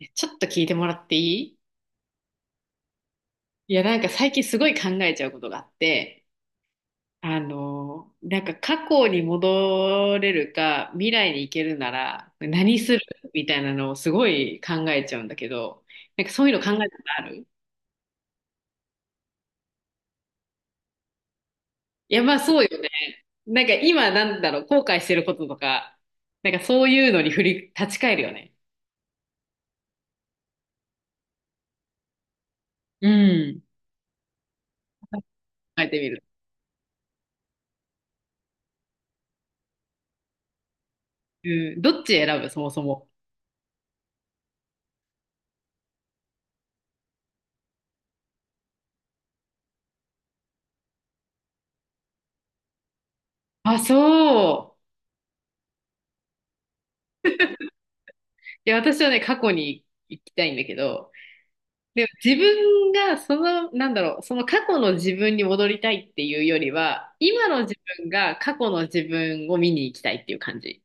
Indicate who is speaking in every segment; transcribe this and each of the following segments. Speaker 1: ちょっと聞いてもらっていい？いや、なんか最近すごい考えちゃうことがあって、なんか過去に戻れるか、未来に行けるなら何する、みたいなのをすごい考えちゃうんだけど、なんかそういうの考えたことある？いや、まあそうよね。なんか今なんだろう、後悔してることとか、なんかそういうのに立ち返るよね。うん。考えてみる。うん、どっち選ぶ、そもそも？あ、そう。いや、私はね、過去に行きたいんだけど、でも自分がその、なんだろう、その過去の自分に戻りたいっていうよりは、今の自分が過去の自分を見に行きたいっていう感じ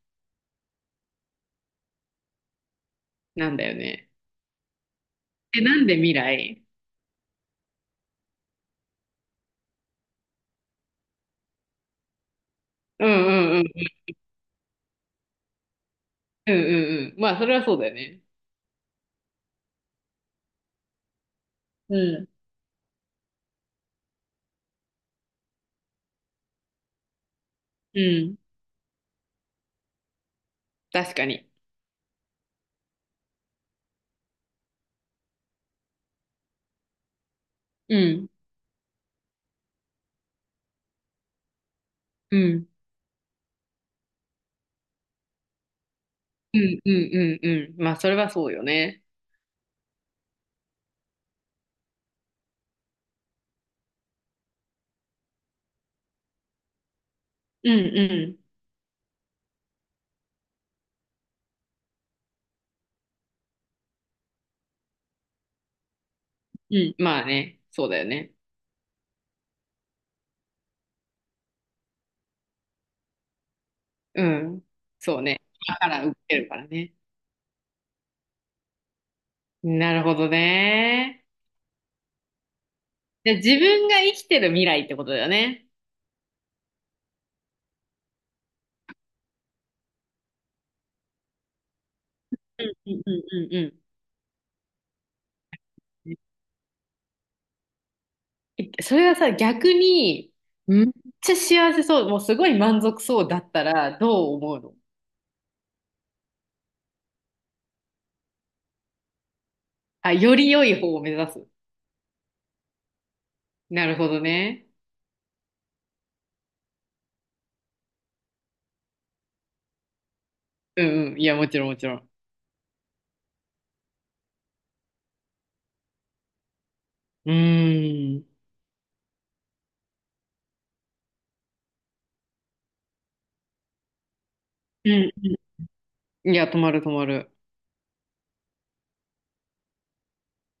Speaker 1: なんだよね。え、なんで未来？うんうんうん。うんうんうん。まあ、それはそうだよね。うん。うん。確かに。うん。うん。うんうんうんうん。まあ、それはそうよね。うんうん。うん。まあね。そうだよね。うん。そうね。今から受けるからね。なるほどね。で自分が生きてる未来ってことだよね？うんうんうんうんうん。それはさ、逆に、めっちゃ幸せそう、もうすごい満足そうだったら、どう思うの？あ、より良い方を目指す。なるほどね。うんうん。いや、もちろんもちろん。うーん。うんうん、いや、止まる止まる。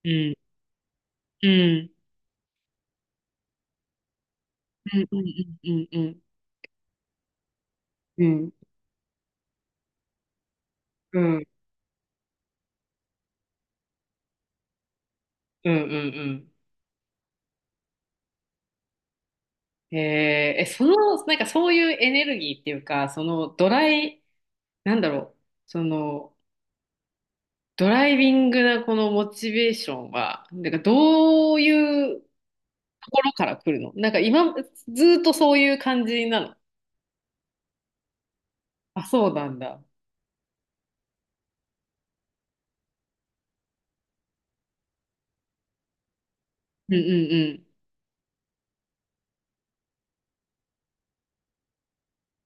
Speaker 1: うん。うん。うんうんうんうんうん。うん。うんうんうん。えーえ、その、なんかそういうエネルギーっていうか、そのドライ、なんだろう、その、ドライビングなこのモチベーションは、なんかどういうところから来るの？なんか今、ずーっとそういう感じなの？あ、そうなんだ。うんうんうん。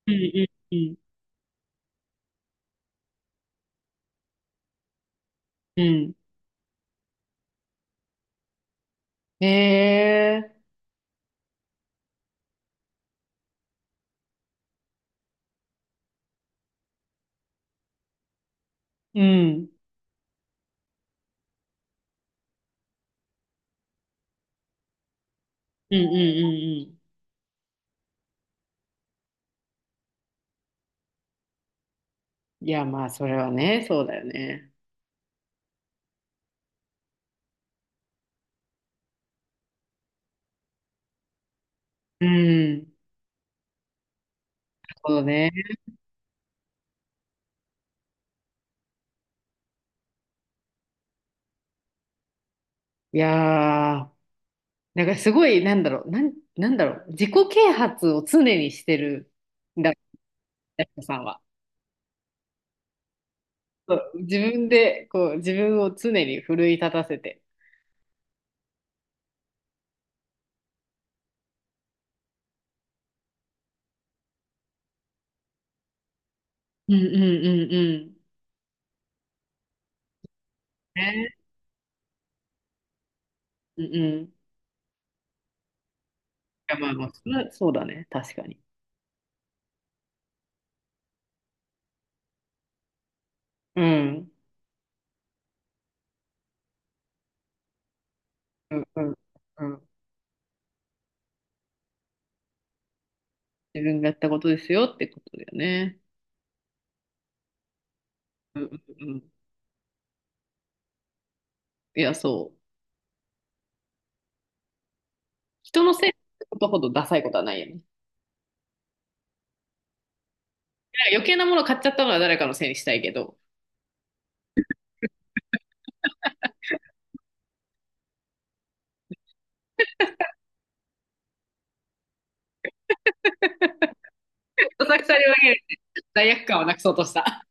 Speaker 1: うんうんうん。うん。うん。うんうんうんうん。いや、まあ、それはね、そうだよね。うん。なるほどね。いやー、なんかすごい、なんだろう、なんだろう、自己啓発を常にしてるんだ、やす子さんは。そう自分で、こう、自分を常に奮い立たせて。うんうんうん、ね。うん。うんうん。いや、まあまあ、それはそうだね。確かに。うん。うん、うん、うん。自分がやったことですよってことだよね？うん、うん、うん。いや、そう。人のせいってことほどダサいことはないよね。いや余計なもの買っちゃったのは誰かのせいにしたいけど、どさくさに紛れて罪悪感をなくそうとした。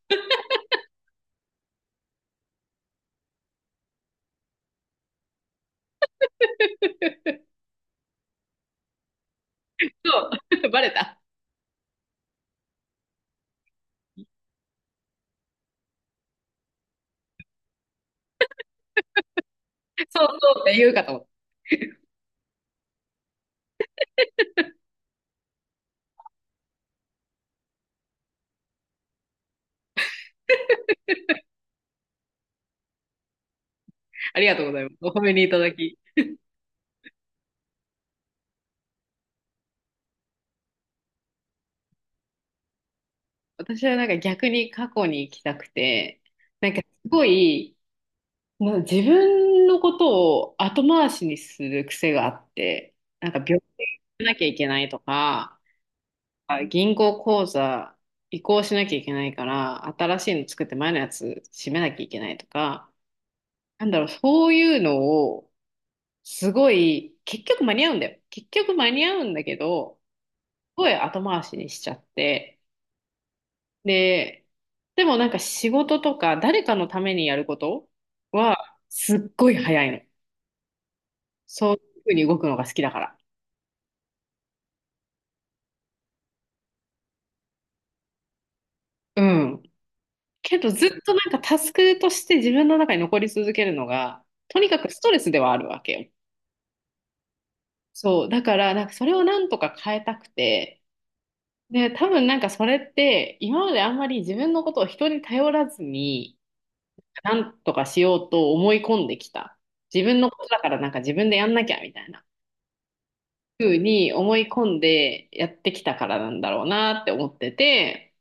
Speaker 1: そう。バレた。そうそうって言うかと思った。ありがとうございます。お褒めにいただき。私はなんか逆に過去に行きたくて、なんかすごい、自分のことを後回しにする癖があって、なんか病気しなきゃいけないとか、銀行口座移行しなきゃいけないから、新しいの作って前のやつ閉めなきゃいけないとか、なんだろう、そういうのを、すごい、結局間に合うんだよ。結局間に合うんだけど、すごい後回しにしちゃって、で、でもなんか仕事とか誰かのためにやることはすっごい早いの。そういうふうに動くのが好きだから。うん。けどずっとなんかタスクとして自分の中に残り続けるのが、とにかくストレスではあるわけよ。そう。だから、なんかそれをなんとか変えたくて、で、多分なんかそれって今まであんまり自分のことを人に頼らずに、なんとかしようと思い込んできた。自分のことだからなんか自分でやんなきゃみたいな。ふうに思い込んでやってきたからなんだろうなって思ってて、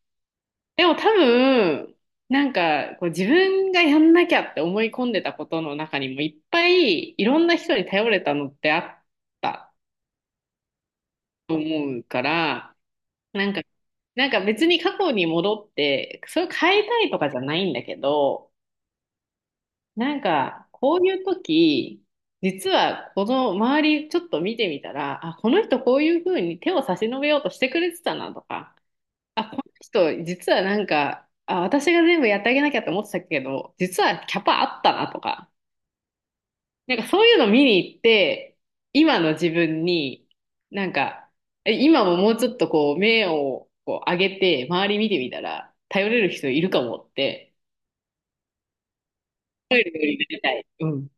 Speaker 1: でも多分、なんかこう自分がやんなきゃって思い込んでたことの中にもいっぱいいろんな人に頼れたのってあったと思うから、なんか、なんか別に過去に戻って、それを変えたいとかじゃないんだけど、なんかこういう時、実はこの周りちょっと見てみたら、あ、この人こういうふうに手を差し伸べようとしてくれてたなとか、あ、この人、実はなんか、あ、私が全部やってあげなきゃって思ってたけど、実はキャパあったなとか、なんかそういうの見に行って、今の自分に、なんか、今ももうちょっとこう、目をこう上げて、周り見てみたら、頼れる人いるかもって、頼れるようになりたい。うん。うん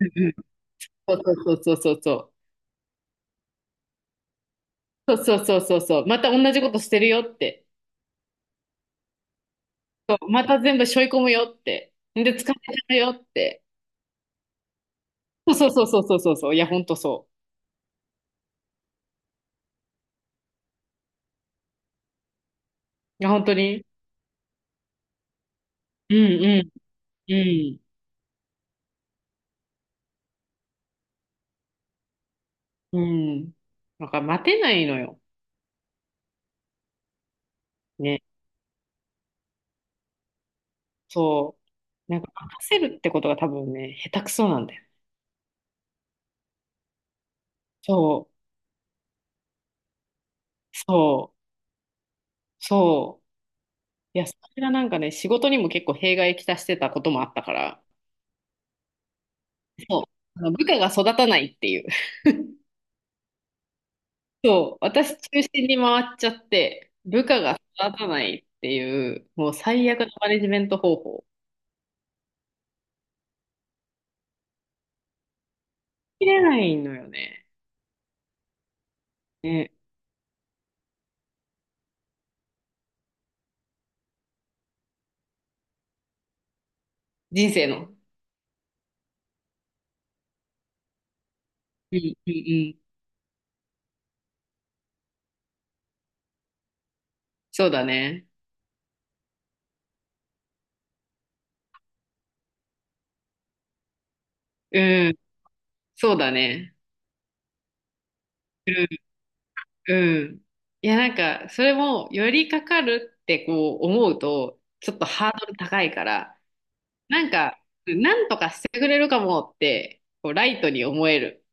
Speaker 1: うん、そうそうそうそうそう。そうそうそうそうそう。また同じことしてるよって。そうまた全部背負い込むよって。で、疲れちゃうよって。そうそうそうそうそうそうそう。いや、ほんとそう。いや、本当に。うんうんうんうん。なんか待てないのよ。ね。そう。なんか任せるってことが多分ね、下手くそなんだよ。そう。そう。そう。いや、それがなんかね、仕事にも結構弊害きたしてたこともあったから、そう。あの部下が育たないっていう。そう。私中心に回っちゃって、部下が育たないっていう、もう最悪のマネジメント方法。切れないのよね。ね。人生の。うんうんうん。そうだね。うん。そうだね。うん。うん。いや、なんか、それも、寄りかかるってこう思うと、ちょっとハードル高いから、なんか、なんとかしてくれるかもって、こう、ライトに思える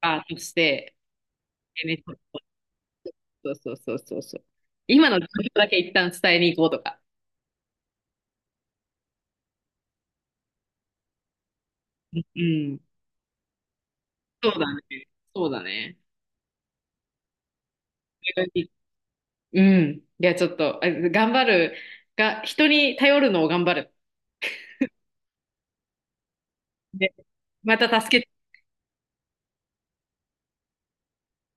Speaker 1: として、でね、そうそうそうそうそう。今の状況だけ一旦伝えに行こうとか。うん。そうだね。そうだね。それがいい。うん。いや、ちょっと、頑張るが、人に頼るのを頑張る。で、また助け